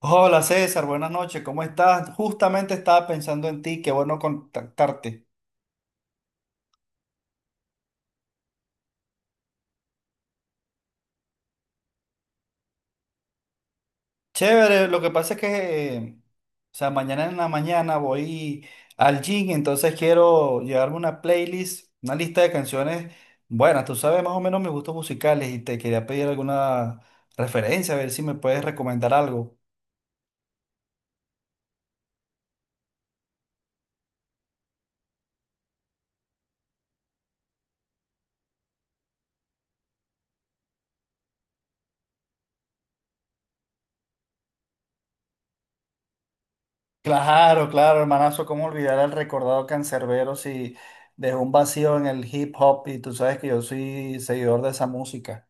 Hola César, buenas noches, ¿cómo estás? Justamente estaba pensando en ti, qué bueno contactarte. Chévere, lo que pasa es que, o sea, mañana en la mañana voy al gym, entonces quiero llevarme una playlist, una lista de canciones. Bueno, tú sabes más o menos mis gustos musicales y te quería pedir alguna referencia, a ver si me puedes recomendar algo. Claro, claro, hermanazo, cómo olvidar al recordado cancerbero si dejó un vacío en el hip hop y tú sabes que yo soy seguidor de esa música.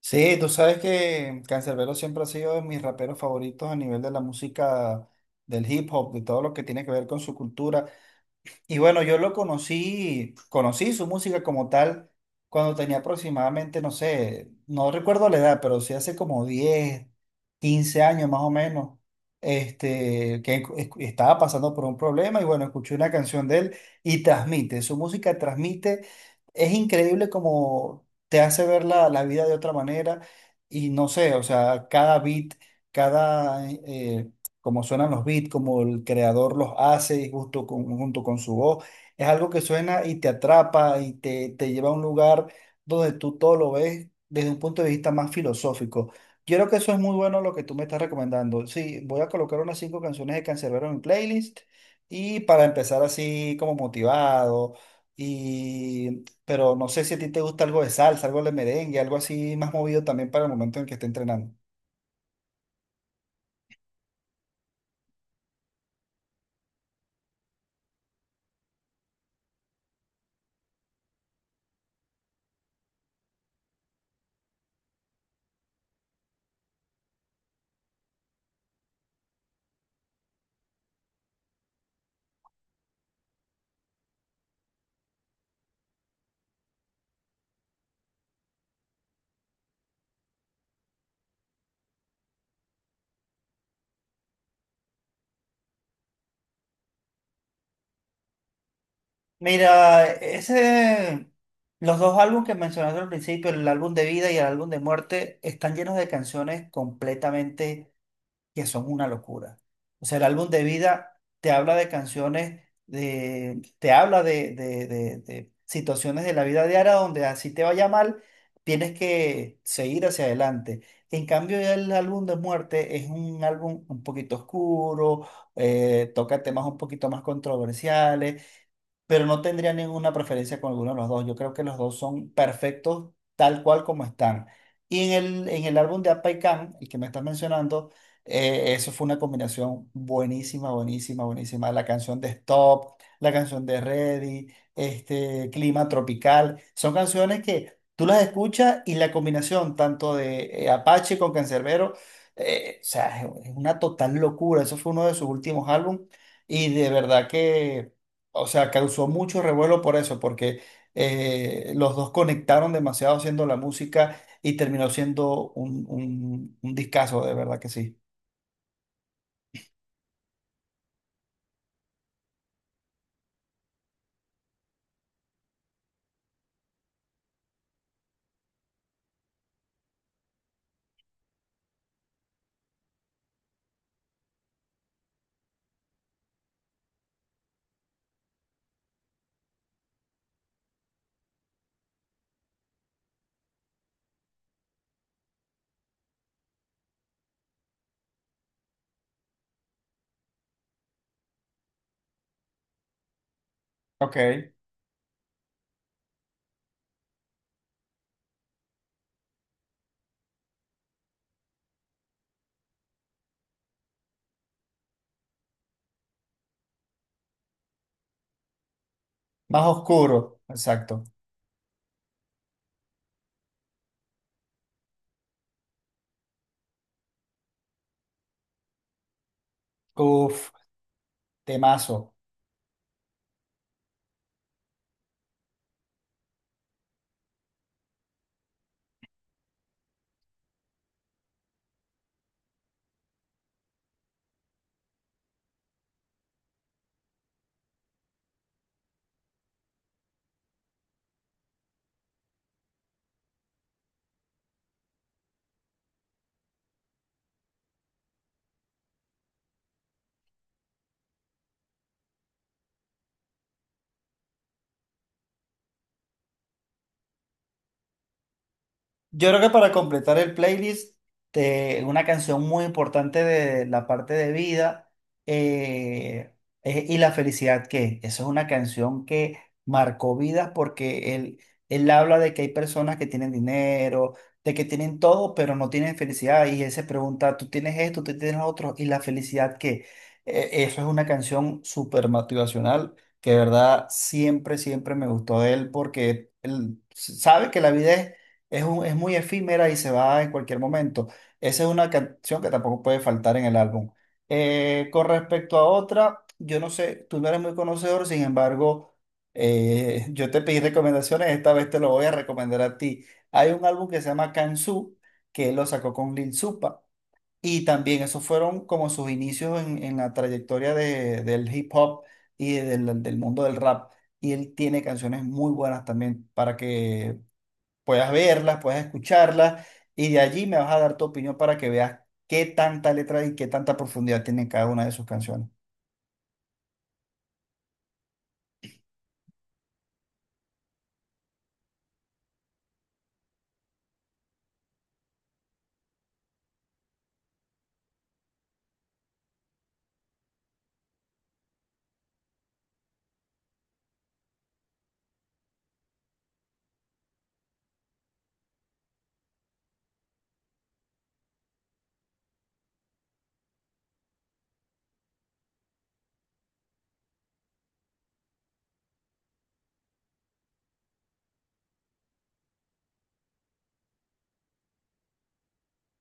Sí, tú sabes que Canserbero siempre ha sido de mis raperos favoritos a nivel de la música, del hip hop, de todo lo que tiene que ver con su cultura. Y bueno, yo lo conocí, conocí su música como tal cuando tenía aproximadamente, no sé, no recuerdo la edad, pero sí hace como 10 15 años más o menos, este, estaba pasando por un problema y bueno, escuché una canción de él y transmite, su música transmite, es increíble como te hace ver la vida de otra manera y no sé, o sea, cada beat, cada... como suenan los beats, como el creador los hace y justo con, junto con su voz. Es algo que suena y te atrapa y te lleva a un lugar donde tú todo lo ves desde un punto de vista más filosófico. Yo creo que eso es muy bueno lo que tú me estás recomendando. Sí, voy a colocar unas 5 canciones de Canserbero en mi playlist y para empezar así como motivado. Y, pero no sé si a ti te gusta algo de salsa, algo de merengue, algo así más movido también para el momento en que esté entrenando. Mira, ese, los dos álbumes que mencionaste al principio, el álbum de vida y el álbum de muerte, están llenos de canciones completamente que son una locura. O sea, el álbum de vida te habla de canciones, de, te habla de situaciones de la vida diaria donde así te vaya mal, tienes que seguir hacia adelante. En cambio, ya el álbum de muerte es un álbum un poquito oscuro, toca temas un poquito más controversiales pero no tendría ninguna preferencia con alguno de los dos. Yo creo que los dos son perfectos tal cual como están. Y en en el álbum de Apa y Can, el que me estás mencionando, eso fue una combinación buenísima, buenísima, buenísima. La canción de Stop, la canción de Ready, este, Clima Tropical, son canciones que tú las escuchas y la combinación tanto de Apache con Canserbero, o sea, es una total locura. Eso fue uno de sus últimos álbumes y de verdad que... O sea, causó mucho revuelo por eso, porque los dos conectaron demasiado haciendo la música y terminó siendo un discazo, de verdad que sí. Ok. Más oscuro, exacto. Uf, temazo. Yo creo que para completar el playlist, una canción muy importante de la parte de vida eh, es Y la felicidad que es. Esa es una canción que marcó vidas porque él habla de que hay personas que tienen dinero, de que tienen todo, pero no tienen felicidad. Y él se pregunta, tú tienes esto, tú tienes lo otro, ¿y la felicidad que Eso es una canción súper motivacional que de verdad siempre, siempre me gustó de él porque él sabe que la vida es muy efímera y se va en cualquier momento. Esa es una canción que tampoco puede faltar en el álbum. Con respecto a otra, yo no sé, tú no eres muy conocedor, sin embargo, yo te pedí recomendaciones, esta vez te lo voy a recomendar a ti. Hay un álbum que se llama Kansu, que lo sacó con Lil Supa, y también esos fueron como sus inicios en la trayectoria del hip hop y del, del mundo del rap. Y él tiene canciones muy buenas también para que puedas verlas, puedas escucharlas, y de allí me vas a dar tu opinión para que veas qué tanta letra y qué tanta profundidad tienen cada una de sus canciones.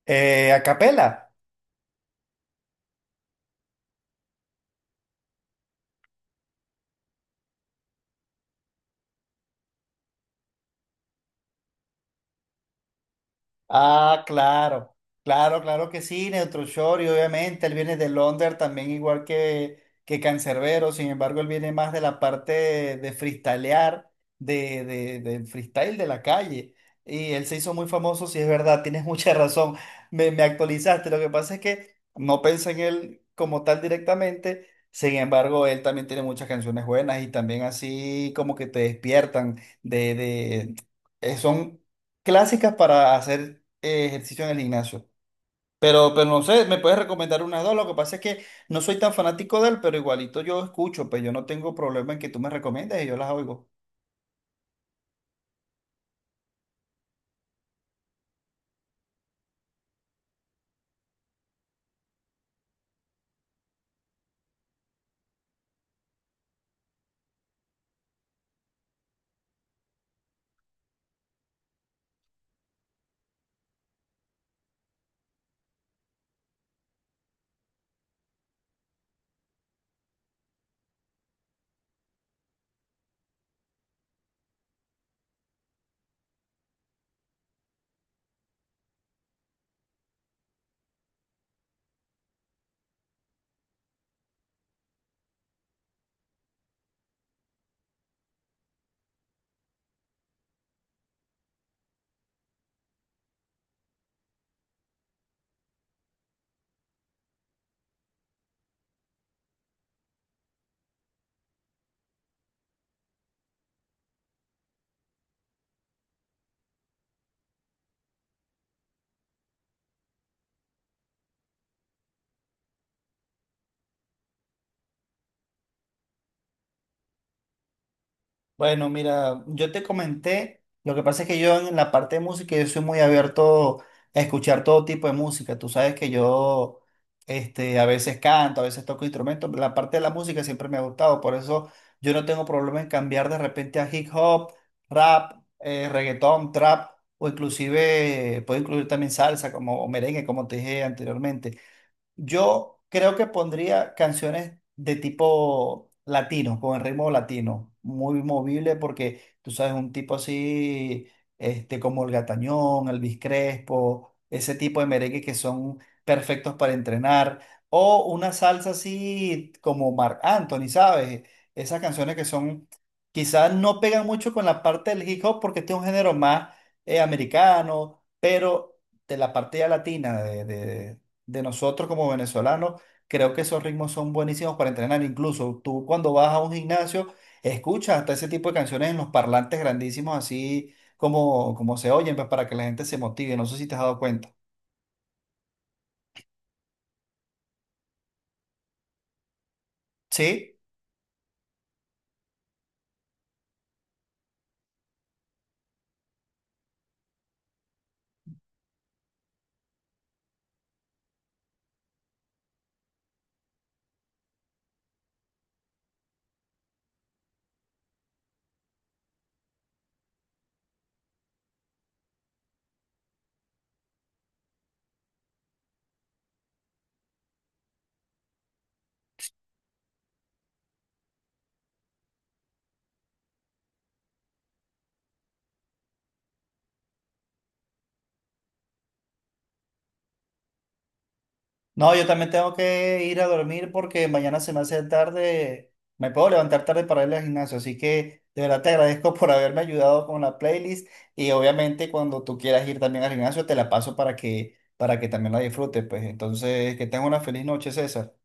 A capela. Ah, claro, claro, claro que sí, Neutro Shore y obviamente él viene de Londres también igual que Canserbero, sin embargo él viene más de la parte de freestylear, del freestyle de la calle y él se hizo muy famoso. Sí es verdad, tienes mucha razón, me actualizaste, lo que pasa es que no pensé en él como tal directamente, sin embargo él también tiene muchas canciones buenas y también así como que te despiertan de son clásicas para hacer ejercicio en el gimnasio. Pero no sé, me puedes recomendar unas dos. Lo que pasa es que no soy tan fanático de él, pero igualito yo escucho, pues yo no tengo problema en que tú me recomiendes y yo las oigo. Bueno, mira, yo te comenté, lo que pasa es que yo en la parte de música yo soy muy abierto a escuchar todo tipo de música. Tú sabes que yo este, a veces canto, a veces toco instrumentos. La parte de la música siempre me ha gustado, por eso yo no tengo problema en cambiar de repente a hip hop, rap, reggaetón, trap o inclusive puedo incluir también salsa como o merengue, como te dije anteriormente. Yo creo que pondría canciones de tipo latino, con el ritmo latino, muy movible porque tú sabes, un tipo así, este, como el Gatañón, Elvis Crespo, ese tipo de merengue que son perfectos para entrenar, o una salsa así como Marc Anthony, ¿sabes? Esas canciones que son, quizás no pegan mucho con la parte del hip hop porque este es un género más americano, pero de la parte ya latina, de nosotros como venezolanos, creo que esos ritmos son buenísimos para entrenar. Incluso tú cuando vas a un gimnasio, escuchas hasta ese tipo de canciones en los parlantes grandísimos, así como, como se oyen, pues, para que la gente se motive. No sé si te has dado cuenta. Sí. No, yo también tengo que ir a dormir porque mañana se me hace tarde, me puedo levantar tarde para ir al gimnasio, así que de verdad te agradezco por haberme ayudado con la playlist y obviamente cuando tú quieras ir también al gimnasio te la paso para que también la disfrutes, pues entonces que tengas una feliz noche, César.